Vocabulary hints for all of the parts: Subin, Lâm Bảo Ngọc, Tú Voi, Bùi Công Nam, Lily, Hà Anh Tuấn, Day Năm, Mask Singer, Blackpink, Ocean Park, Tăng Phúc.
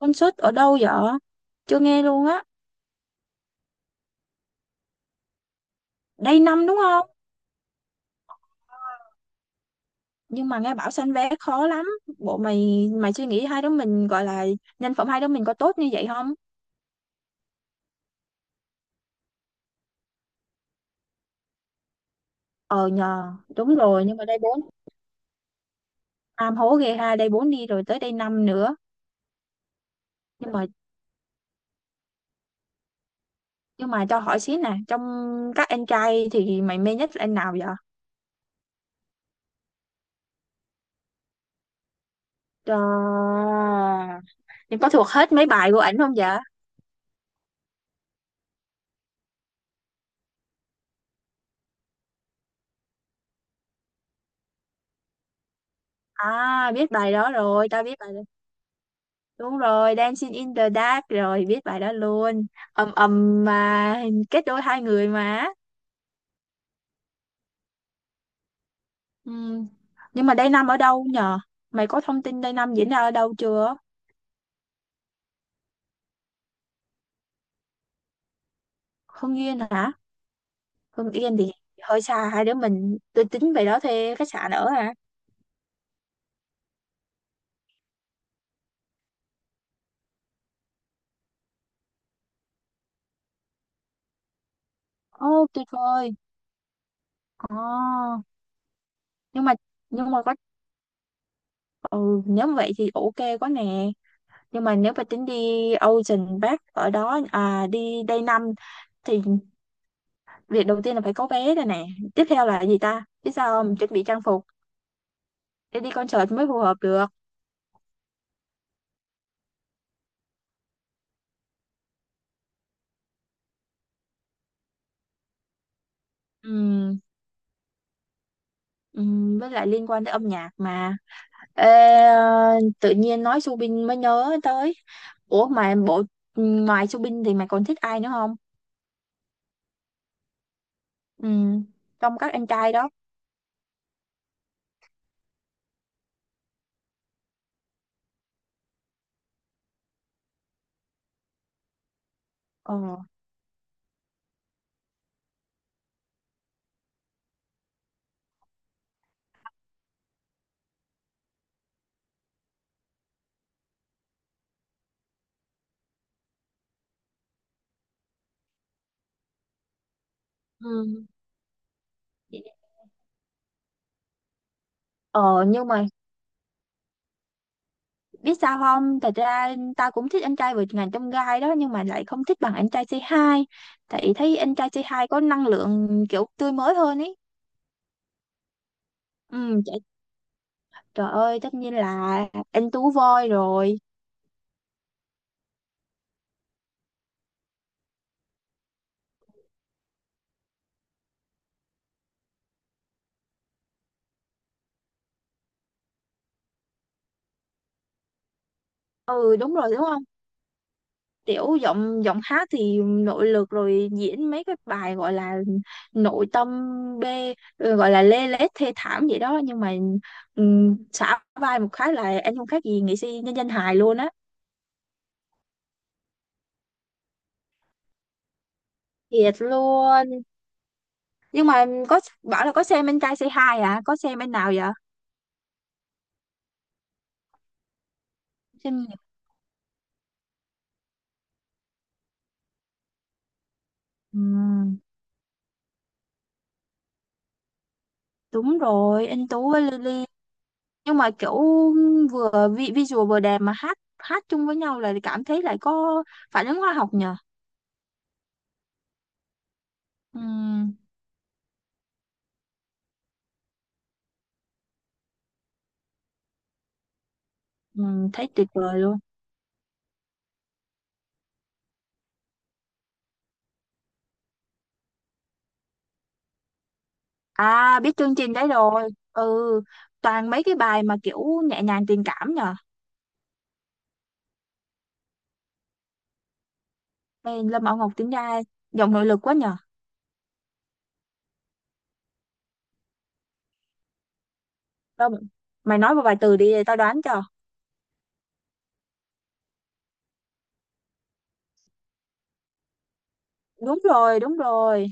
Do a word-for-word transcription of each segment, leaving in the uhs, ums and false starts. Concert ở đâu vậy? Chưa nghe luôn á. Đây năm đúng không? Nhưng mà nghe bảo sanh vé khó lắm. Bộ mày mày suy nghĩ, hai đứa mình gọi là nhân phẩm hai đứa mình có tốt như vậy không? Ờ nhờ, đúng rồi, nhưng mà đây bốn. Nam hố ghê ha, đây bốn đi rồi tới đây năm nữa. Nhưng mà nhưng mà cho hỏi xíu nè, trong các anh trai thì mày mê nhất là anh nào vậy? Trời, em có thuộc hết mấy bài của ảnh không vậy? À, biết bài đó rồi, tao biết bài đúng rồi, Dancing in the Dark rồi, biết bài đó luôn. Ầm ầm mà kết đôi hai người mà. Ừm. Nhưng mà Day Năm ở đâu nhờ? Mày có thông tin Day Năm diễn ra ở đâu chưa? Hưng Yên hả? Hưng Yên thì hơi xa hai đứa mình. Tôi tính về đó thuê khách sạn ở hả? Ô, tuyệt vời. Ồ, nhưng mà nhưng mà có ừ, nếu vậy thì ok quá nè. Nhưng mà nếu mà tính đi Ocean Park ở đó, à, đi Day Năm thì việc đầu tiên là phải có vé đây nè, tiếp theo là gì ta biết sao không, chuẩn bị trang phục để đi concert mới phù hợp được. Ừm, ừm, với lại liên quan tới âm nhạc mà. Ê, ờ, tự nhiên nói Subin mới nhớ tới, ủa mà bộ ngoài Subin thì mày còn thích ai nữa không? Ừm, trong các anh trai đó. Ờ. Ừ. Ờ nhưng mà biết sao không, thật ra ta cũng thích anh trai vượt ngàn chông gai đó, nhưng mà lại không thích bằng anh trai c hai. Tại thấy anh trai c hai có năng lượng kiểu tươi mới hơn ý. Ừ, trời, trời ơi, tất nhiên là anh Tú Voi rồi. Ừ đúng rồi, đúng không, tiểu giọng giọng hát thì nội lực rồi, diễn mấy cái bài gọi là nội tâm, bê, ừ, gọi là lê lết thê thảm vậy đó, nhưng mà um, xả vai một cái là anh không khác gì nghệ sĩ nhân dân hài luôn á. Thiệt luôn. Nhưng mà có bảo là có xem anh trai Say Hi à, có xem anh nào vậy? Xem nhạc. Ừ, đúng rồi, anh Tú với Lily. Nhưng mà kiểu vừa vi- visual vừa đẹp mà hát hát chung với nhau là cảm thấy lại có phản ứng hóa học nhờ. Ừm, ừm, thấy tuyệt vời luôn. À biết chương trình đấy rồi. Ừ, toàn mấy cái bài mà kiểu nhẹ nhàng tình cảm nhờ. Ê, Lâm Bảo Ngọc tính ra giọng nội lực quá nhờ. Đâu, mày nói một vài từ đi tao đoán cho. Đúng rồi, đúng rồi,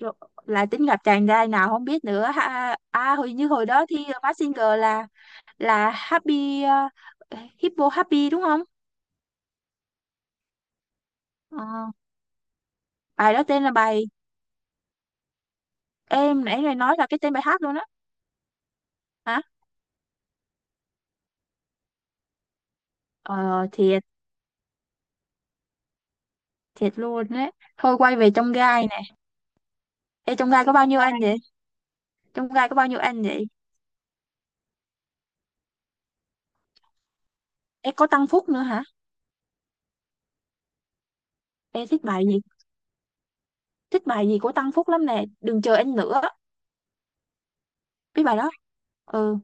rồi là tính gặp chàng trai nào không biết nữa ha. À hồi như hồi đó thi Mask Singer là là Happy, ờ, Hippo Happy đúng không? Ờ, bài đó tên là bài em nãy này nói là cái tên bài hát luôn á. Hả? Ờ thiệt, thiệt luôn đấy. Thôi quay về trong gai nè. Ê, trong gai có bao nhiêu anh vậy? Trong gai có bao nhiêu anh vậy? Ê, có Tăng Phúc nữa hả? Ê, thích bài gì, thích bài gì của Tăng Phúc lắm nè, đừng chờ anh nữa. Biết bài đó. Ừ.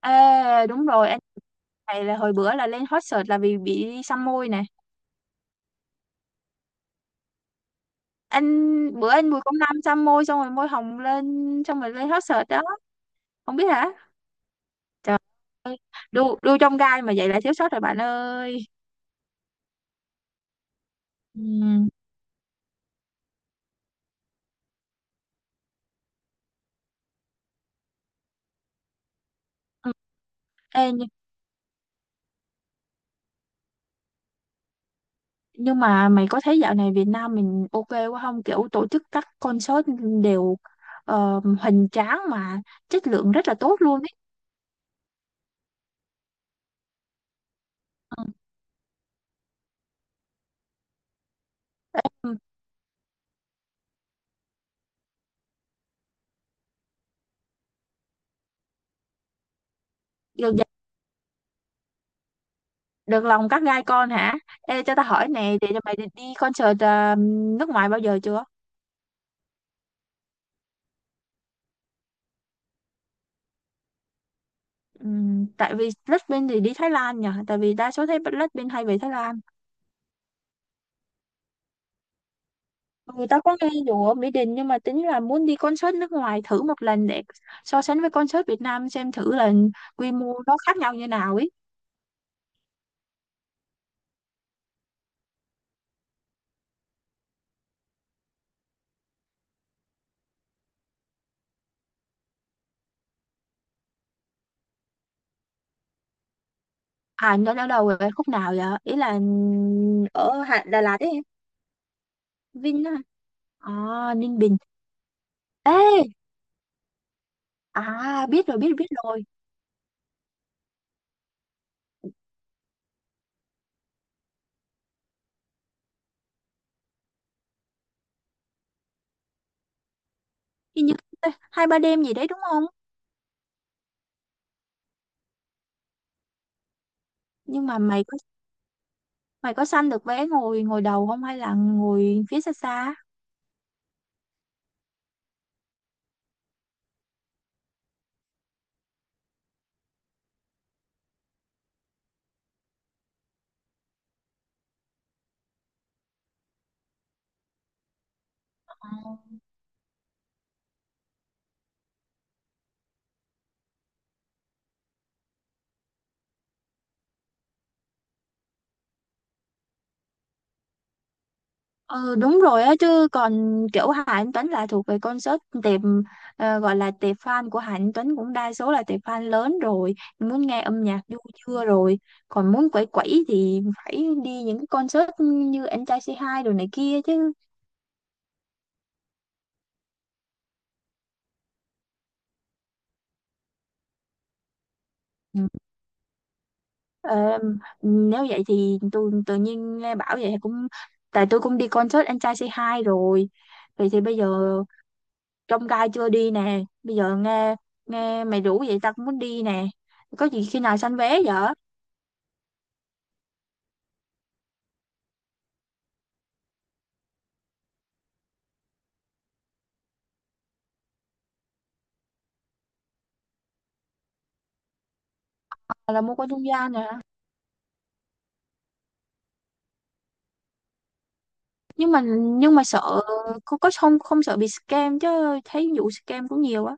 Ê, đúng rồi, anh này là hồi bữa là lên hot search là vì bị xăm môi nè. Anh bữa anh Bùi Công Nam xăm môi xong rồi môi hồng lên, xong rồi lên hot search đó. Không biết hả? Trời, đu đu trong gai mà vậy là thiếu sót rồi bạn ơi. Ừm. Ừ. Ê, nh- nhưng mà mày có thấy dạo này Việt Nam mình ok quá không? Kiểu tổ chức các concert đều ờ, hoành tráng mà chất lượng rất là tốt luôn ấy. Ừ. Ừ. Được, dạ- được lòng các gai con hả? Ê, cho tao hỏi nè, để mày đi đi concert ờ, nước ngoài bao giờ chưa? Ừm, tại vì Blackpink thì đi Thái Lan nhỉ? Tại vì đa số thấy Blackpink hay về Thái Lan. Người ta có nghe dù ở Mỹ Đình nhưng mà tính là muốn đi concert nước ngoài thử một lần để so sánh với concert Việt Nam xem thử là quy mô nó khác nhau như nào ấy. À nó ở đâu vậy? Khúc nào vậy? Ý là ở Hà- Đà Lạt ấy, em. Vin á. À, Ninh Bình. Ê, à biết rồi, biết biết rồi. Hình như hai ba đêm gì đấy đúng không? Nhưng mà mày có mày có săn được vé ngồi, ngồi đầu không hay là ngồi phía xa xa? Ờ. Ừ, đúng rồi á, chứ còn kiểu Hà Anh Tuấn là thuộc về concert tệp, ờ, gọi là tệp fan của Hà Anh Tuấn cũng đa số là tệp fan lớn rồi, muốn nghe âm nhạc du chưa rồi, còn muốn quẩy quẩy thì phải đi những cái concert như anh trai c hai rồi này kia chứ. Ừ. Ờ, nếu vậy thì tôi tự nhiên nghe bảo vậy cũng, tại tôi cũng đi concert anh trai c hai rồi, vậy thì bây giờ trong gai chưa đi nè, bây giờ nghe nghe mày rủ vậy tao cũng muốn đi nè. Có gì khi nào sanh vé vậy? Là mua qua trung gian nè, nhưng mà nhưng mà sợ, có có không không, sợ bị scam chứ, thấy vụ scam cũng nhiều á.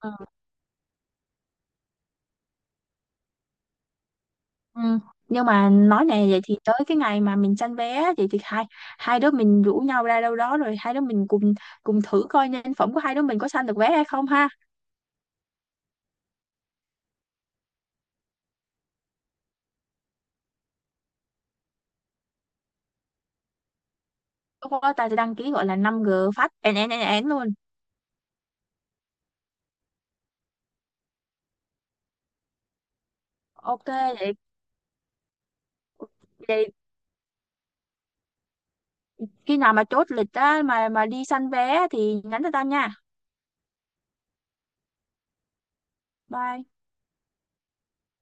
Ừ. Ừ. Nhưng mà nói nè, vậy thì tới cái ngày mà mình sanh vé vậy thì hai hai đứa mình rủ nhau ra đâu đó rồi hai đứa mình cùng cùng thử coi nhân phẩm của hai đứa mình có sanh được vé hay không ha. Lúc đó ta sẽ đăng ký gọi là năm g, phát én én én én luôn. Ok, vậy vậy khi nào mà chốt lịch á mà mà đi săn vé thì nhắn cho tao nha. Bye.